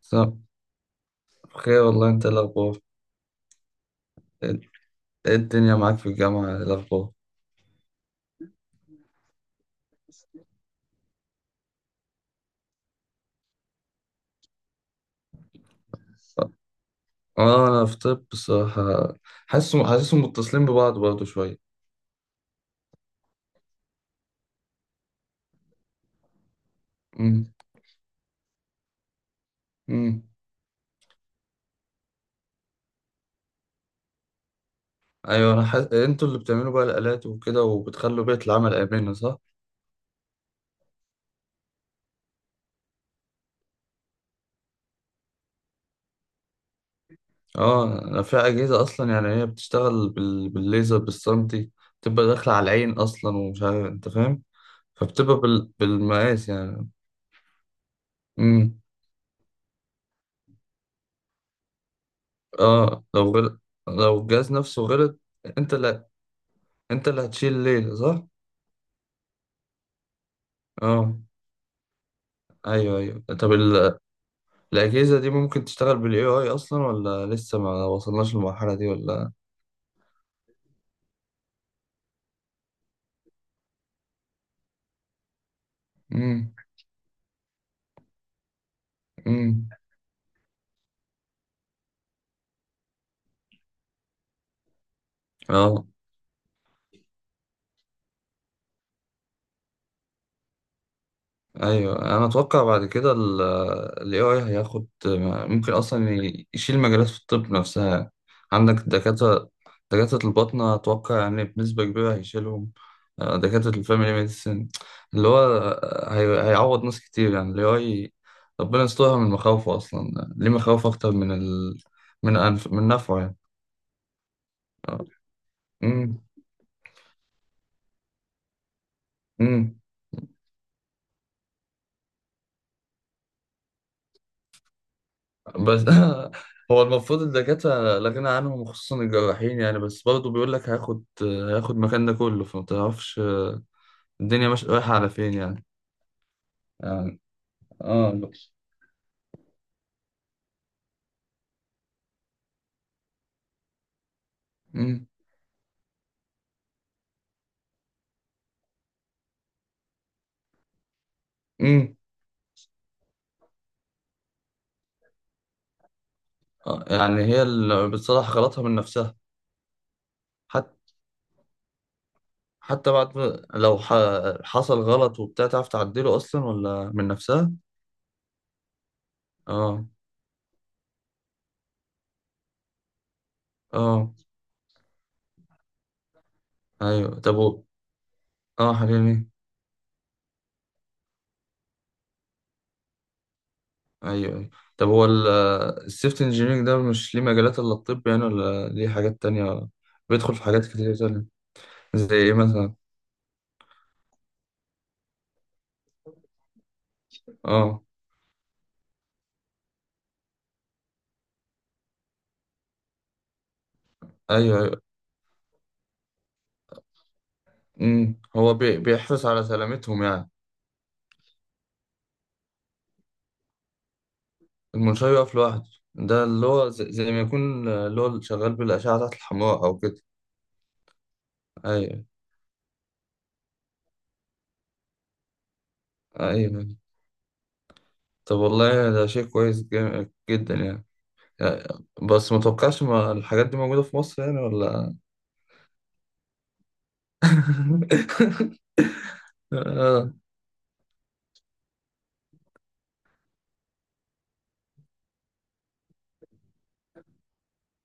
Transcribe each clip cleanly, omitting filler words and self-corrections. صح. خير والله، انت إيه الاخبار؟ ايه، إيه الدنيا معاك في الجامعة؟ إيه الاخبار؟ اه انا في طب بصراحة. حاسسهم متصلين ببعض برضه شوية. امم. امم. ايوه انا حاسس انتوا اللي بتعملوا بقى الالات وكده وبتخلوا بيئة العمل امنة، صح. اه انا في اجهزة اصلا، يعني هي بتشتغل بالليزر، بالسنتي، بتبقى داخلة على العين اصلا ومش عارف، انت فاهم. فبتبقى بالمقاس يعني. امم. اه لو غل... لو الجهاز نفسه غلط. انت اللي انت اللي هتشيل الليلة صح؟ اه. ايوه ايوه. الاجهزة دي ممكن تشتغل بالاي اي اصلا، ولا لسه ما وصلناش للمرحلة دي ولا؟ امم. امم. اه. ايوه انا اتوقع بعد كده ال AI هياخد، ممكن اصلا يشيل مجالات في الطب نفسها. عندك دكاترة، دكاترة الباطنة اتوقع يعني بنسبة كبيرة هيشيلهم. آه، دكاترة الفاميلي ميديسن اللي هو، هيعوض ناس كتير يعني ال AI. ربنا يسترها، من مخاوفه اصلا ليه مخاوف اكتر من ال، من أنف من نفعه يعني. امم. بس هو المفروض الدكاترة لا غنى عنهم، وخصوصا الجراحين يعني. بس برضه بيقول لك هياخد مكان ده كله، فما تعرفش الدنيا مش رايحة على فين يعني. يعني اه. لا. امم. امم. آه، يعني هي اللي بتصلح غلطها من نفسها. حتى، حتى بعد ما- لو ح... حصل غلط وبتاع، تعرف تعدله اصلا ولا من نفسها؟ اه. اه. ايوه. اه حاليا. ايوه ايوه. طب هو ال- السيفت انجينيرنج ده مش ليه مجالات الا الطب يعني، ولا ليه حاجات تانية؟ بيدخل في حاجات كتير تانية. زي ايه مثلا؟ اه. ايوه ايوه. امم. بيحرص على سلامتهم يعني. المنشار يقف لوحده، ده اللي هو زي ما يكون اللي هو شغال بالأشعة تحت الحمراء أو كده. ايوه ايوه. طب والله ده شيء كويس جدا يعني. بس ما توقعش، ما الحاجات دي موجودة في مصر يعني ولا؟ اه.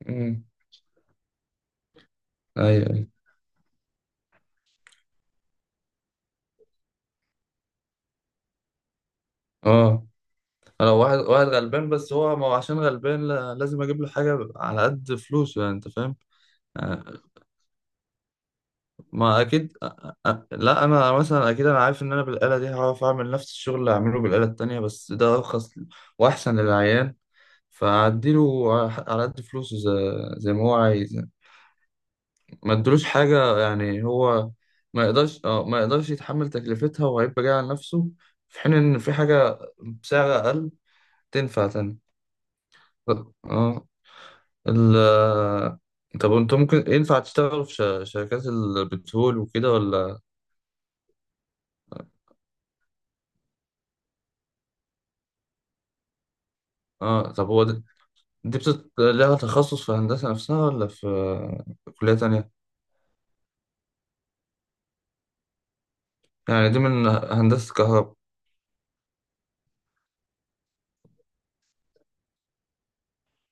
أمم. ايوه ايوه. اه انا، واحد غلبان بس هو، ما هو عشان غلبان لازم اجيب له حاجه على قد فلوسه يعني، انت فاهم. آه، ما اكيد. آه، آه، لا انا مثلا اكيد، انا عارف ان انا بالاله دي هعرف اعمل نفس الشغل اللي هعمله بالاله التانية، بس ده ارخص واحسن للعيان. فاديله على على قد فلوسه، زي ما هو عايز يعني. ما ادلوش حاجه يعني، هو ما يقدرش، اه ما يقدرش يتحمل تكلفتها وهيبقى جاي على نفسه، في حين ان في حاجه بسعر اقل تنفع تاني. اه. ال، انت ممكن ينفع تشتغل في شركات البترول وكده ولا؟ اه. دي لها تخصص في هندسة نفسها، ولا في كلية تانية؟ يعني دي من هندسة كهرباء؟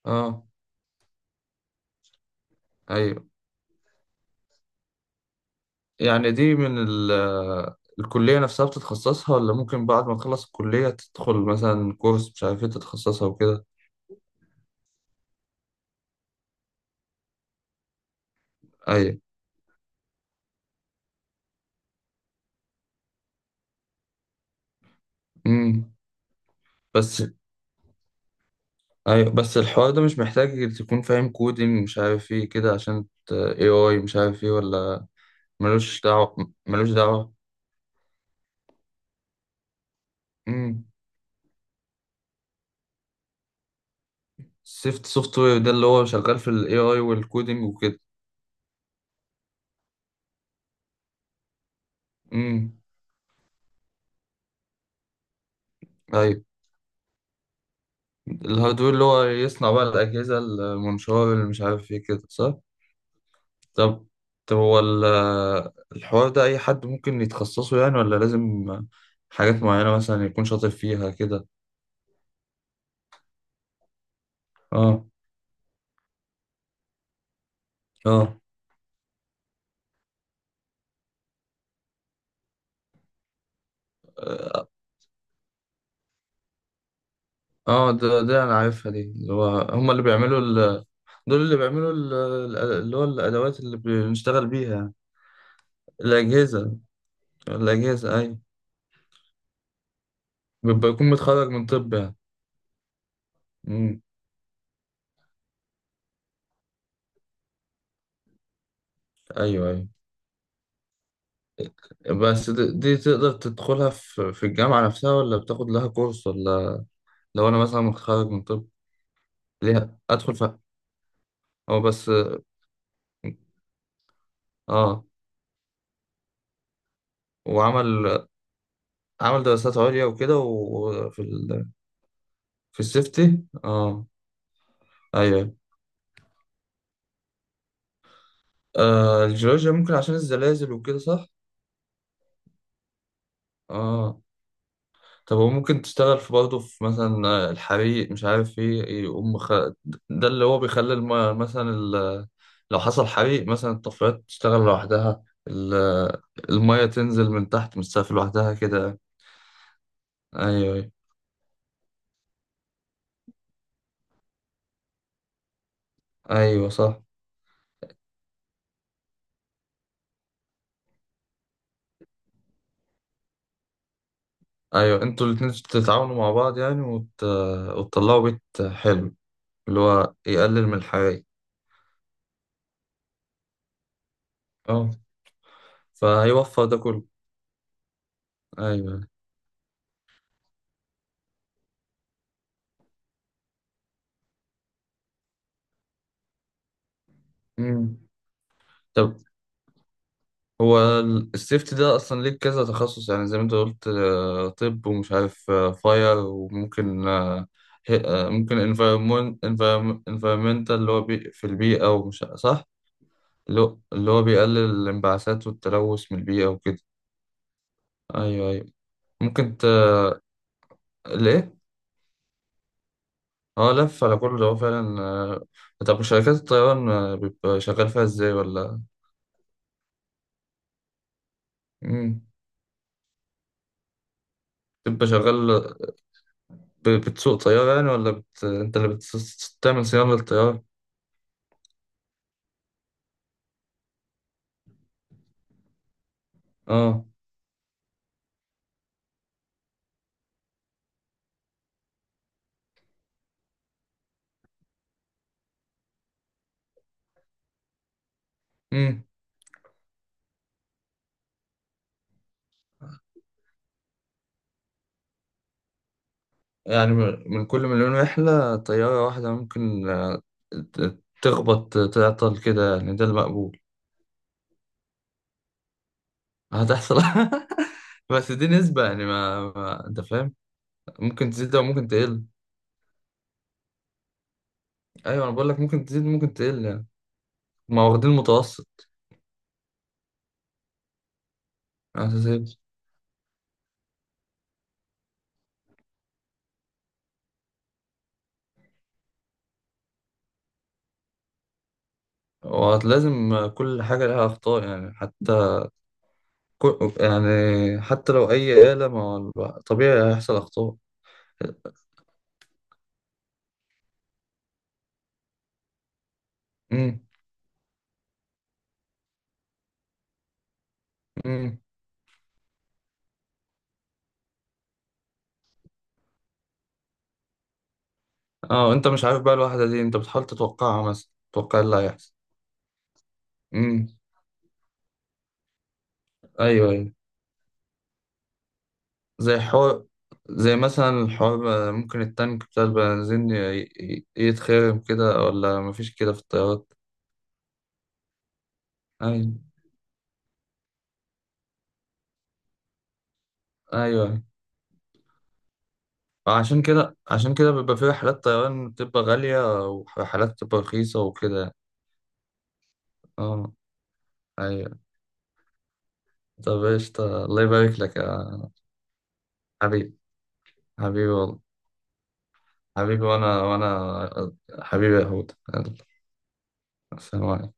اه. ايوه. يعني دي من الكلية نفسها بتتخصصها، ولا ممكن بعد ما تخلص الكلية تدخل مثلا كورس مش عارف ايه تتخصصها وكده؟ ايوه. امم. بس، ايوه بس الحوار ده مش محتاج تكون فاهم كودينج مش عارف ايه كده، عشان AI مش عارف ايه ولا؟ ملوش دعوة، ملوش دعوة. امم. سيفت سوفت وير ده اللي هو شغال في ال AI والكودينج وكده؟ امم. أيوة. الهاردوير اللي هو يصنع بقى الأجهزة، المنشار، اللي مش عارف ايه كده، صح؟ طب، طب هو ال- الحوار ده أي حد ممكن يتخصصه يعني، ولا لازم حاجات معينة مثلا يكون شاطر فيها كده؟ اه. اه. اه ده أنا عارفها دي، اللي هو، هما اللي بيعملوا ال، دول اللي بيعملوا اللي هو الأدوات اللي بنشتغل بيها يعني. الأجهزة، الأجهزة أيوة. بيبقى يكون متخرج من طب يعني؟ مم. أيوة أيوة. بس دي، دي تقدر تدخلها في في الجامعة نفسها، ولا بتاخد لها كورس ولا؟ لو أنا مثلا متخرج من طب ليها أدخل فيها. هو بس. آه. وعمل، عمل دراسات عليا وكده وفي في السيفتي، آه. أيوة. آه الجيولوجيا ممكن عشان الزلازل وكده صح؟ آه. طب هو ممكن تشتغل في برضه في مثلا آه، الحريق مش عارف ايه ايه، ده اللي هو بيخلي مثلا لو حصل حريق مثلا الطفايات تشتغل لوحدها، ال، المية تنزل من تحت من السقف لوحدها كده. ايوه ايوه. ايوه صح. ايوه، انتوا الاتنين تتعاونوا مع بعض يعني، وتطلعوا بيت حلو اللي هو يقلل من الحريق. اه. فهيوفر ده كله. ايوه. مم. طب السيفتي ده اصلا ليه كذا تخصص يعني، زي ما انت قلت، آه، طب ومش عارف فاير وممكن آه، آه، ممكن انفيرمون، انفيرمنتال اللي هو بي في البيئة ومش، صح؟ اللي هو بيقلل الانبعاثات والتلوث من البيئة وكده. ايوه ايوه. ممكن ت... ليه. اه لف على كل ده هو فعلا، آه. طب وشركات الطيران آه، بيبقى شغال فيها ازاي ولا؟ مم. بتبقى شغال، بتسوق طيارة يعني، ولا انت اللي بتعمل صيانة للطيارة؟ اه. مم. يعني من، من كل 1,000,000 رحلة طيارة واحدة ممكن آه، تخبط تعطل كده يعني، ده المقبول. هتحصل بس دي نسبة يعني، ما انت فاهم. ممكن تزيد ده وممكن تقل. ايوه انا بقول لك ممكن تزيد ممكن تقل يعني. ما واخدين المتوسط. اساسي. ولازم كل حاجة لها اخطاء يعني، حتى، كل يعني، حتى لو اي آلة، ما هو طبيعي هيحصل اخطاء. امم. اه وانت مش عارف بقى الواحدة دي، انت بتحاول تتوقعها مثلا تتوقع إيه اللي هيحصل. امم. ايوه ايوه. زي حوار، زي مثلا الحوار آه، ممكن التانك بتاع البنزين يتخرم كده، ولا مفيش كده في الطيارات؟ ايوه ايوه. عشان كده بيبقى في رحلات طيران بتبقى غالية ورحلات بتبقى رخيصة وكده. اه. ايوه. طب ايش، الله يبارك لك يا حبيبي. حبيبي والله. حبيبي، وانا، وانا، حبيبي يا هود، يلا، سلام عليكم.